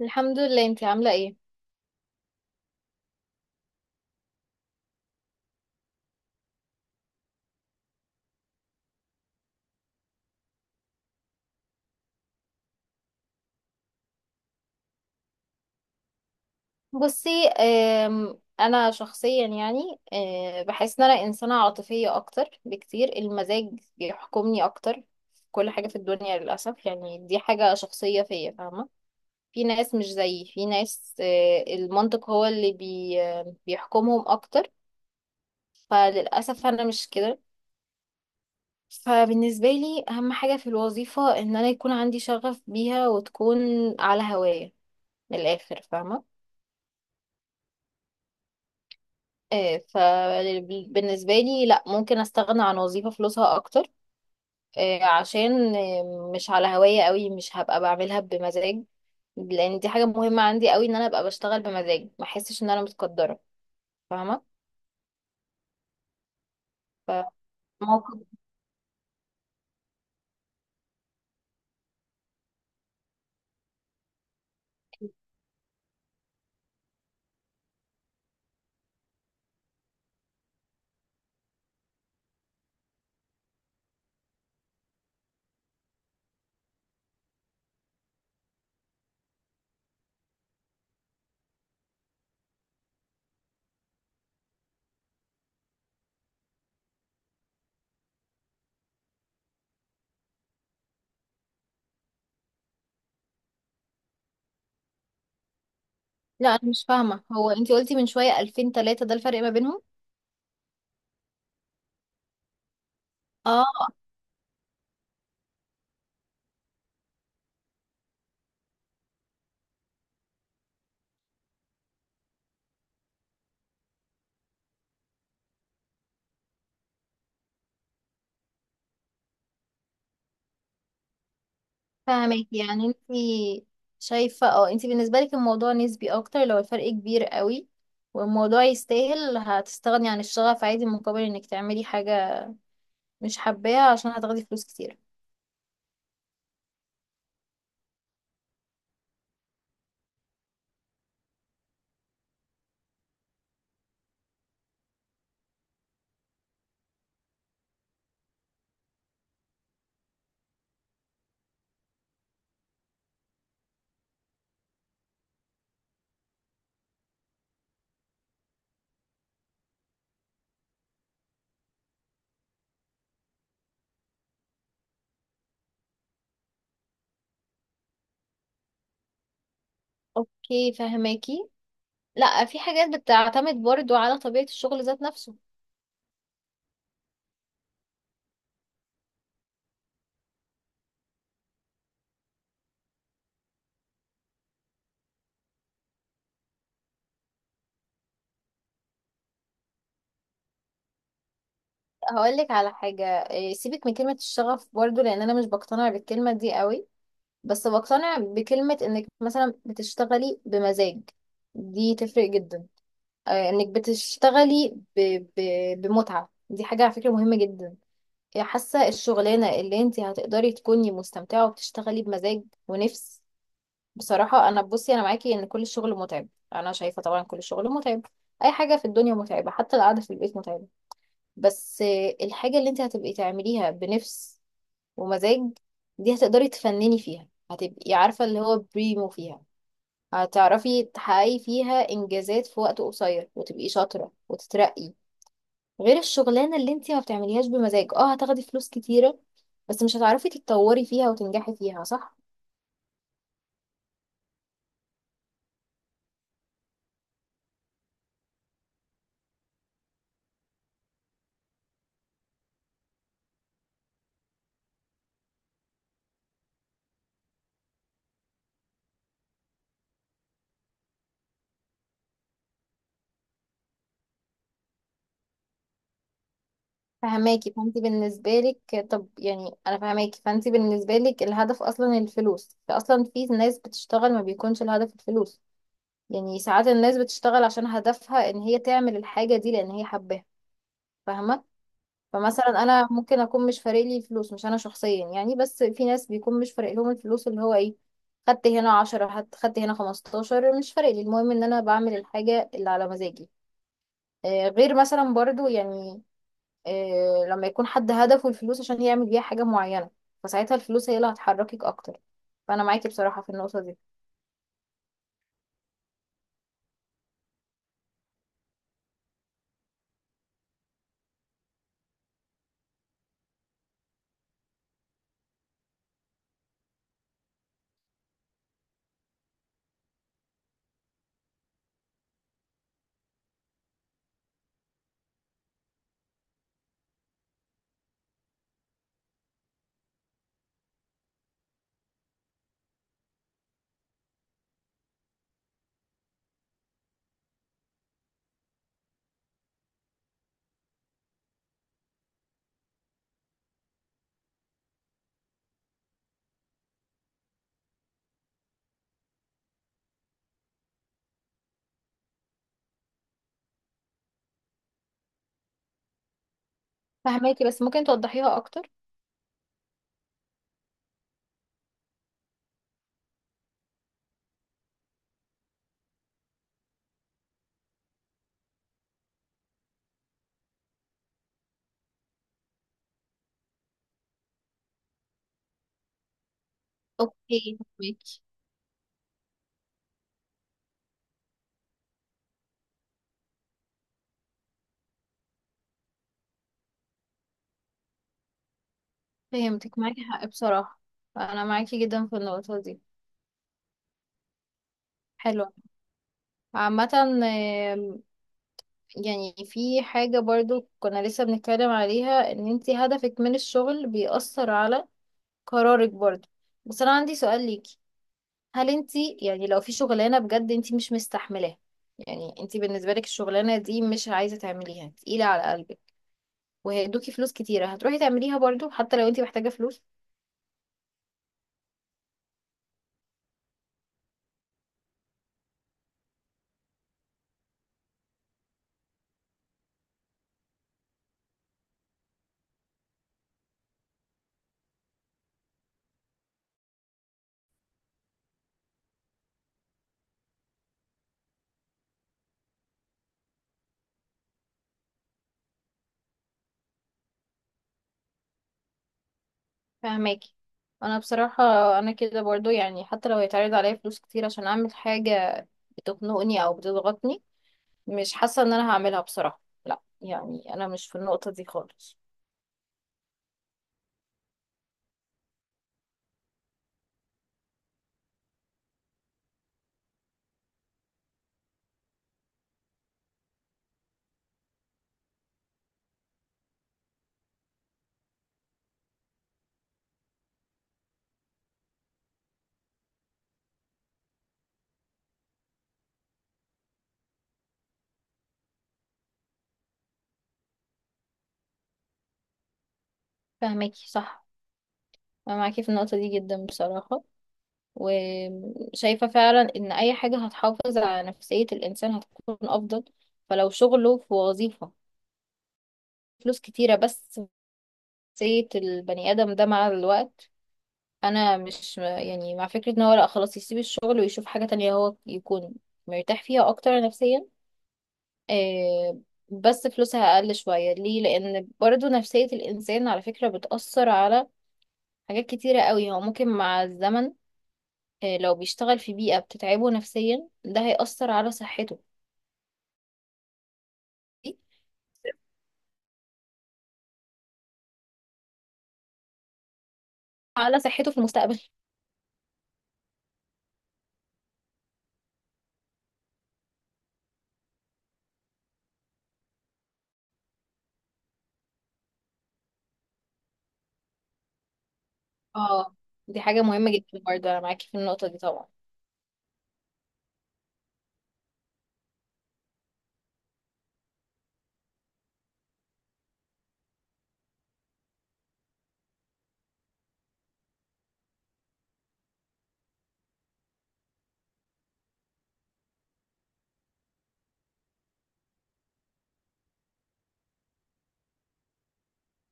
الحمد لله. انتي عاملة ايه؟ بصي، انا شخصيا، يعني بحس ان انا انسانة عاطفية اكتر بكتير. المزاج بيحكمني اكتر في كل حاجة في الدنيا، للأسف. يعني دي حاجة شخصية فيا، فاهمة؟ في ناس مش زيي، في ناس المنطق هو اللي بي آه، بيحكمهم اكتر. فللأسف انا مش كده. فبالنسبة لي اهم حاجة في الوظيفة ان انا يكون عندي شغف بيها، وتكون على هواية، من الآخر، فاهمة؟ فبالنسبة لي لا، ممكن استغنى عن وظيفة فلوسها اكتر، عشان مش على هواية قوي، مش هبقى بعملها بمزاج، لان دي حاجة مهمة عندي قوي، ان انا ابقى بشتغل بمزاج، ما احسش ان انا متقدرة، فاهمة؟ فموقف، لا انا مش فاهمة. هو انتي قلتي من شوية 2000 3 ده الفرق ما بينهم؟ اه. فاهمك، يعني انتي شايفة، اه، انتي بالنسبة لك الموضوع نسبي اكتر، لو الفرق كبير قوي والموضوع يستاهل هتستغني عن الشغف عادي، مقابل انك تعملي حاجة مش حباها عشان هتاخدي فلوس كتير. اوكي فهماكي. لا، في حاجات بتعتمد برضو على طبيعة الشغل ذات نفسه. هقولك على حاجة، سيبك من كلمة الشغف برضو، لان انا مش بقتنع بالكلمة دي قوي، بس بقتنع بكلمة انك مثلا بتشتغلي بمزاج. دي تفرق جدا. انك بتشتغلي ب... بمتعة، دي حاجة على فكرة مهمة جدا. حاسة الشغلانة اللي انت هتقدري تكوني مستمتعة وبتشتغلي بمزاج ونفس، بصراحة. أنا، بصي، أنا معاكي إن كل الشغل متعب. أنا شايفة طبعا كل الشغل متعب، أي حاجة في الدنيا متعبة، حتى القعدة في البيت متعبة، بس الحاجة اللي أنت هتبقي تعمليها بنفس ومزاج، دي هتقدري تفنني فيها، هتبقي عارفة اللي هو بريمو فيها، هتعرفي تحققي فيها إنجازات في وقت قصير، وتبقي شاطرة وتترقي، غير الشغلانة اللي أنت ما بتعمليهاش بمزاج، اه هتاخدي فلوس كتيرة بس مش هتعرفي تتطوري فيها وتنجحي فيها، صح؟ فهماكي. فانت بالنسبة لك طب يعني، انا فهماكي. فانت بالنسبة لك الهدف اصلا الفلوس، فاصلا في ناس بتشتغل ما بيكونش الهدف الفلوس. يعني ساعات الناس بتشتغل عشان هدفها ان هي تعمل الحاجة دي لان هي حباها، فاهمة؟ فمثلا انا ممكن اكون مش فارق لي الفلوس، مش انا شخصيا يعني، بس في ناس بيكون مش فارق لهم الفلوس، اللي هو ايه، خدت هنا عشرة، خدت هنا خمستاشر، مش فارق لي، المهم ان انا بعمل الحاجة اللي على مزاجي. غير مثلا برضو، يعني لما يكون حد هدفه الفلوس عشان يعمل بيها حاجة معينة، فساعتها الفلوس هي اللي هتحركك أكتر. فأنا معاكي بصراحة في النقطة دي. فهماكي، بس ممكن توضحيها أكتر؟ أوكي فهماكي. فهمتك، معاكي حق بصراحة، فأنا معاكي جدا في النقطة دي. حلو. عامة، يعني في حاجة برضو كنا لسه بنتكلم عليها، إن انتي هدفك من الشغل بيأثر على قرارك برضو. بس أنا عندي سؤال ليكي، هل انت، يعني، لو في شغلانة بجد انت مش مستحملاها، يعني انت بالنسبة لك الشغلانة دي مش عايزة تعمليها، تقيلة على قلبك، وهيدوكي فلوس كتيرة، هتروحي تعمليها برضو حتى لو انت محتاجة فلوس؟ فهماكي. انا بصراحة انا كده برضو، يعني حتى لو هيتعرض عليا فلوس كتير عشان اعمل حاجة بتخنقني او بتضغطني، مش حاسة ان انا هعملها بصراحة. لا، يعني انا مش في النقطة دي خالص. فهماكي، صح. انا معاكي في النقطة دي جدا بصراحة، وشايفة فعلا إن أي حاجة هتحافظ على نفسية الإنسان هتكون أفضل. فلو شغله في وظيفة فلوس كتيرة بس نفسية البني آدم ده مع الوقت، أنا مش يعني مع فكرة إن هو لأ خلاص يسيب الشغل ويشوف حاجة تانية هو يكون مرتاح فيها أكتر نفسيا، آه، بس فلوسها أقل شوية، ليه؟ لأن برضو نفسية الإنسان على فكرة بتأثر على حاجات كتيرة قوي. هو ممكن مع الزمن، لو بيشتغل في بيئة بتتعبه نفسيا، ده هيأثر على صحته، على صحته في المستقبل. اه، دي حاجة مهمة جدا برضه، أنا معاكي في النقطة دي طبعا.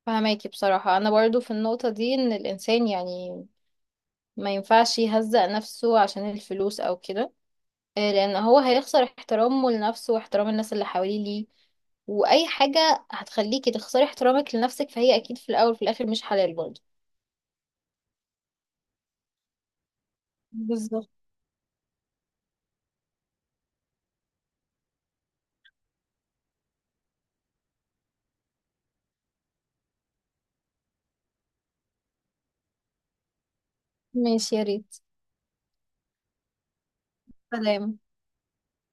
فهماكي. بصراحة أنا برضه في النقطة دي إن الإنسان، يعني، ما ينفعش يهزق نفسه عشان الفلوس أو كده، لأن هو هيخسر احترامه لنفسه واحترام الناس اللي حواليه ليه. وأي حاجة هتخليكي تخسري احترامك لنفسك فهي أكيد في الأول وفي الآخر مش حلال برضه. بالظبط. ماشي، يا ريت. سلام.